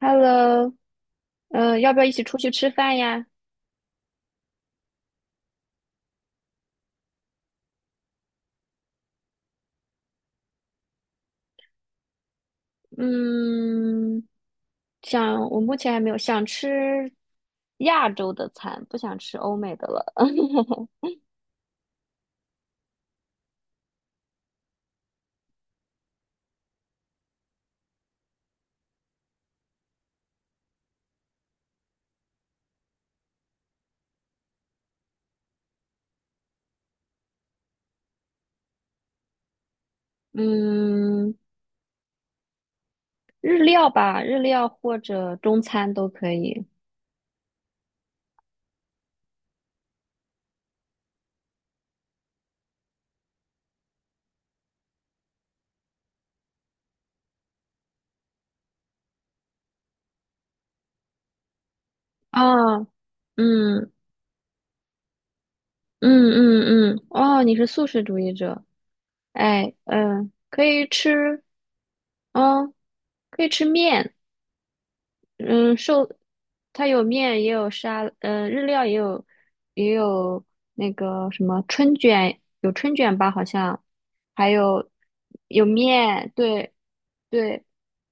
Hello，要不要一起出去吃饭呀？嗯，我目前还没有想吃亚洲的餐，不想吃欧美的了。嗯，日料吧，日料或者中餐都可以。啊，嗯嗯嗯嗯，哦，你是素食主义者，哎，嗯，可以吃，嗯，可以吃面。嗯，寿，它有面，也有沙，嗯，日料也有，也有那个什么春卷，有春卷吧，好像，还有面，对对，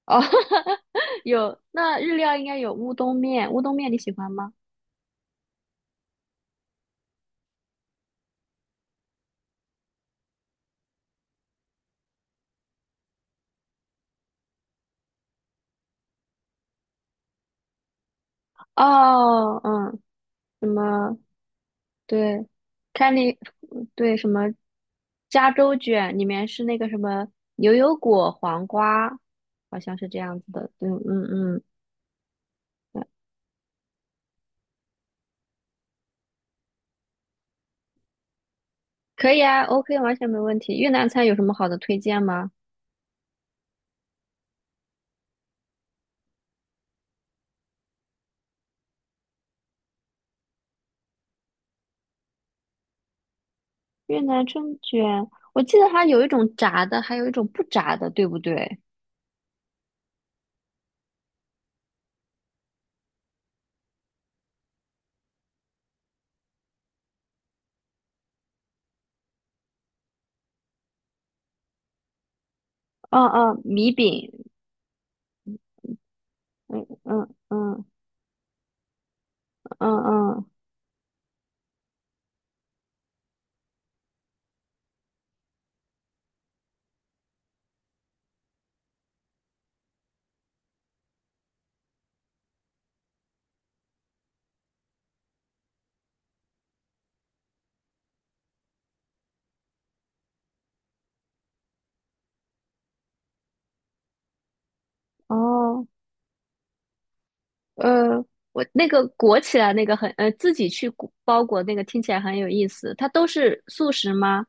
哦，有，那日料应该有乌冬面，乌冬面你喜欢吗？哦，嗯，什么，对，看你，对，什么加州卷，里面是那个什么牛油果、黄瓜，好像是这样子的，嗯嗯嗯。可以啊，OK，完全没问题。越南菜有什么好的推荐吗？越南春卷，我记得它有一种炸的，还有一种不炸的，对不对？嗯嗯，米饼，嗯嗯嗯嗯嗯，哦，呃，我那个裹起来那个很，自己去包裹那个听起来很有意思。它都是素食吗？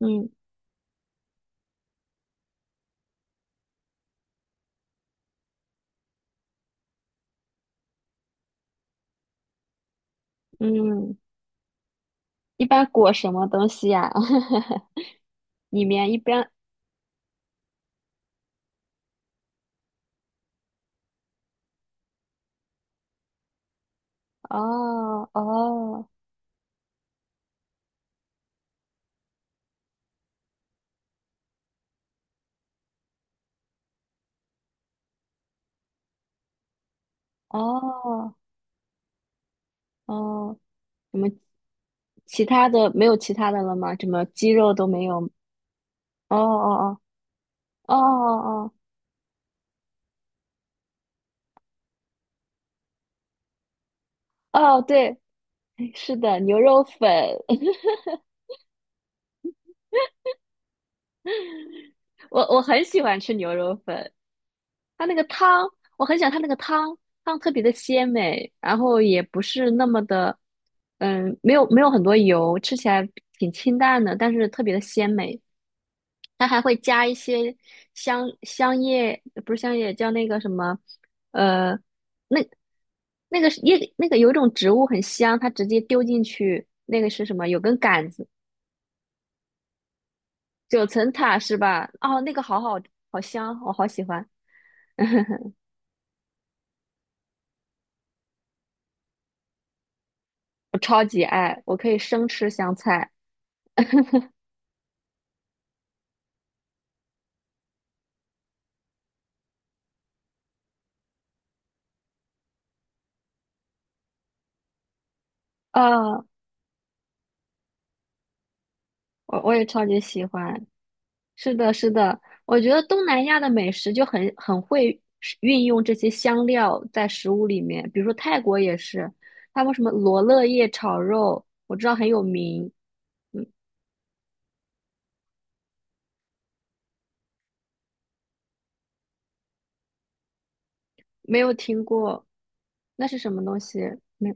嗯嗯，一般裹什么东西呀、里面一般，哦哦哦哦。什么？其他的没有其他的了吗？什么鸡肉都没有？哦哦哦哦哦哦，哦！对，是的，牛肉粉，我很喜欢吃牛肉粉，它那个汤，我很喜欢它那个汤，汤特别的鲜美，然后也不是那么的，没有很多油，吃起来挺清淡的，但是特别的鲜美。它还会加一些香叶，不是香叶，叫那个什么，呃，那那个是叶，那个有一种植物很香，它直接丢进去，那个是什么？有根杆子，九层塔是吧？哦，那个好香，我好喜欢，我可以生吃香菜啊，我也超级喜欢。是的，是的，我觉得东南亚的美食就很会运用这些香料在食物里面，比如说泰国也是，他们什么罗勒叶炒肉，我知道很有名，没有听过，那是什么东西？没，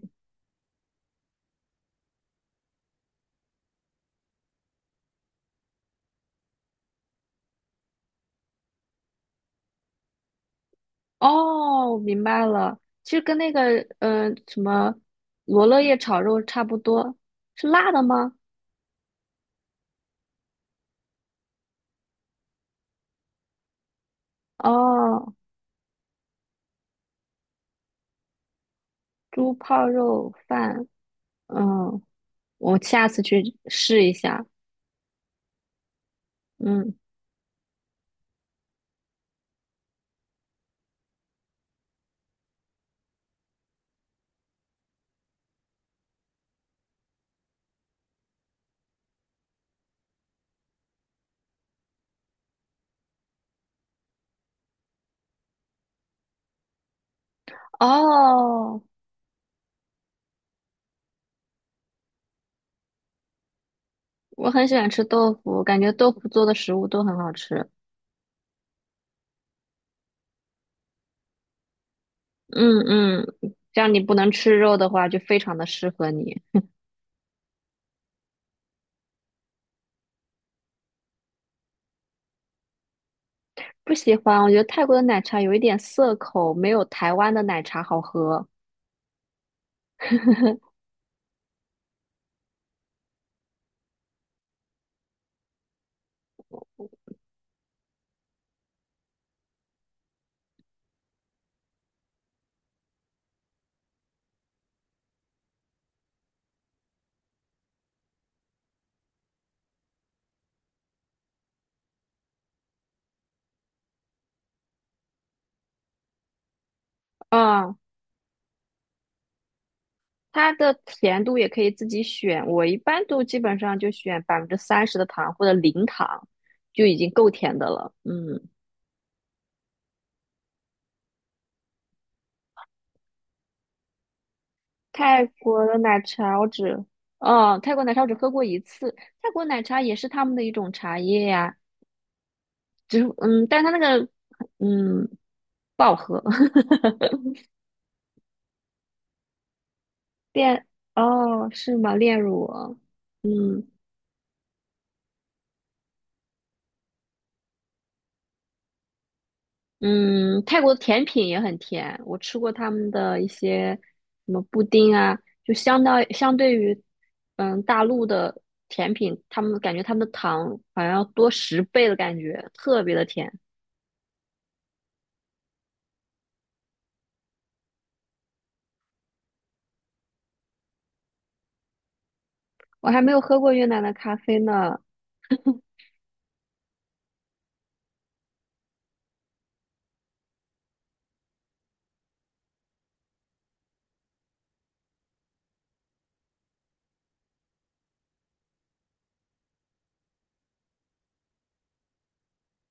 哦，我明白了，其实跟那个什么罗勒叶炒肉差不多，是辣的吗？哦，猪泡肉饭，嗯，我下次去试一下，嗯，哦。我很喜欢吃豆腐，感觉豆腐做的食物都很好吃。嗯嗯，这样你不能吃肉的话，就非常的适合你。不喜欢，我觉得泰国的奶茶有一点涩口，没有台湾的奶茶好喝。嗯，它的甜度也可以自己选，我一般都基本上就选30%的糖或者零糖，就已经够甜的了。嗯，泰国的奶茶我只，哦，泰国奶茶我只喝过一次。泰国奶茶也是他们的一种茶叶呀、只是嗯，但是它那个嗯不好喝，炼哦是吗？炼乳啊，嗯嗯，泰国的甜品也很甜，我吃过他们的一些什么布丁啊，就相对于大陆的甜品，他们感觉他们的糖好像要多10倍的感觉，特别的甜。我还没有喝过越南的咖啡呢，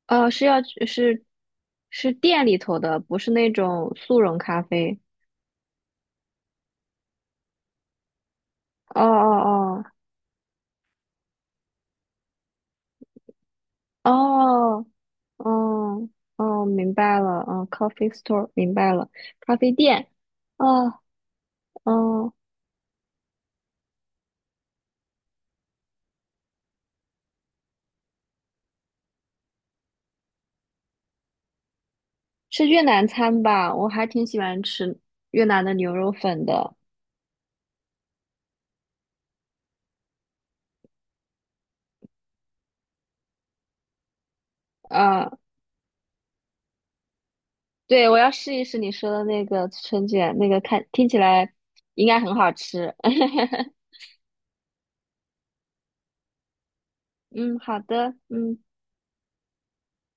是要去，是是店里头的，不是那种速溶咖啡。哦哦哦哦，嗯，哦，明白了，嗯，coffee store，明白了，咖啡店，哦，嗯，是越南餐吧？我还挺喜欢吃越南的牛肉粉的，啊，对，我要试一试你说的那个春卷，那个听起来应该很好吃，嗯，好的，嗯。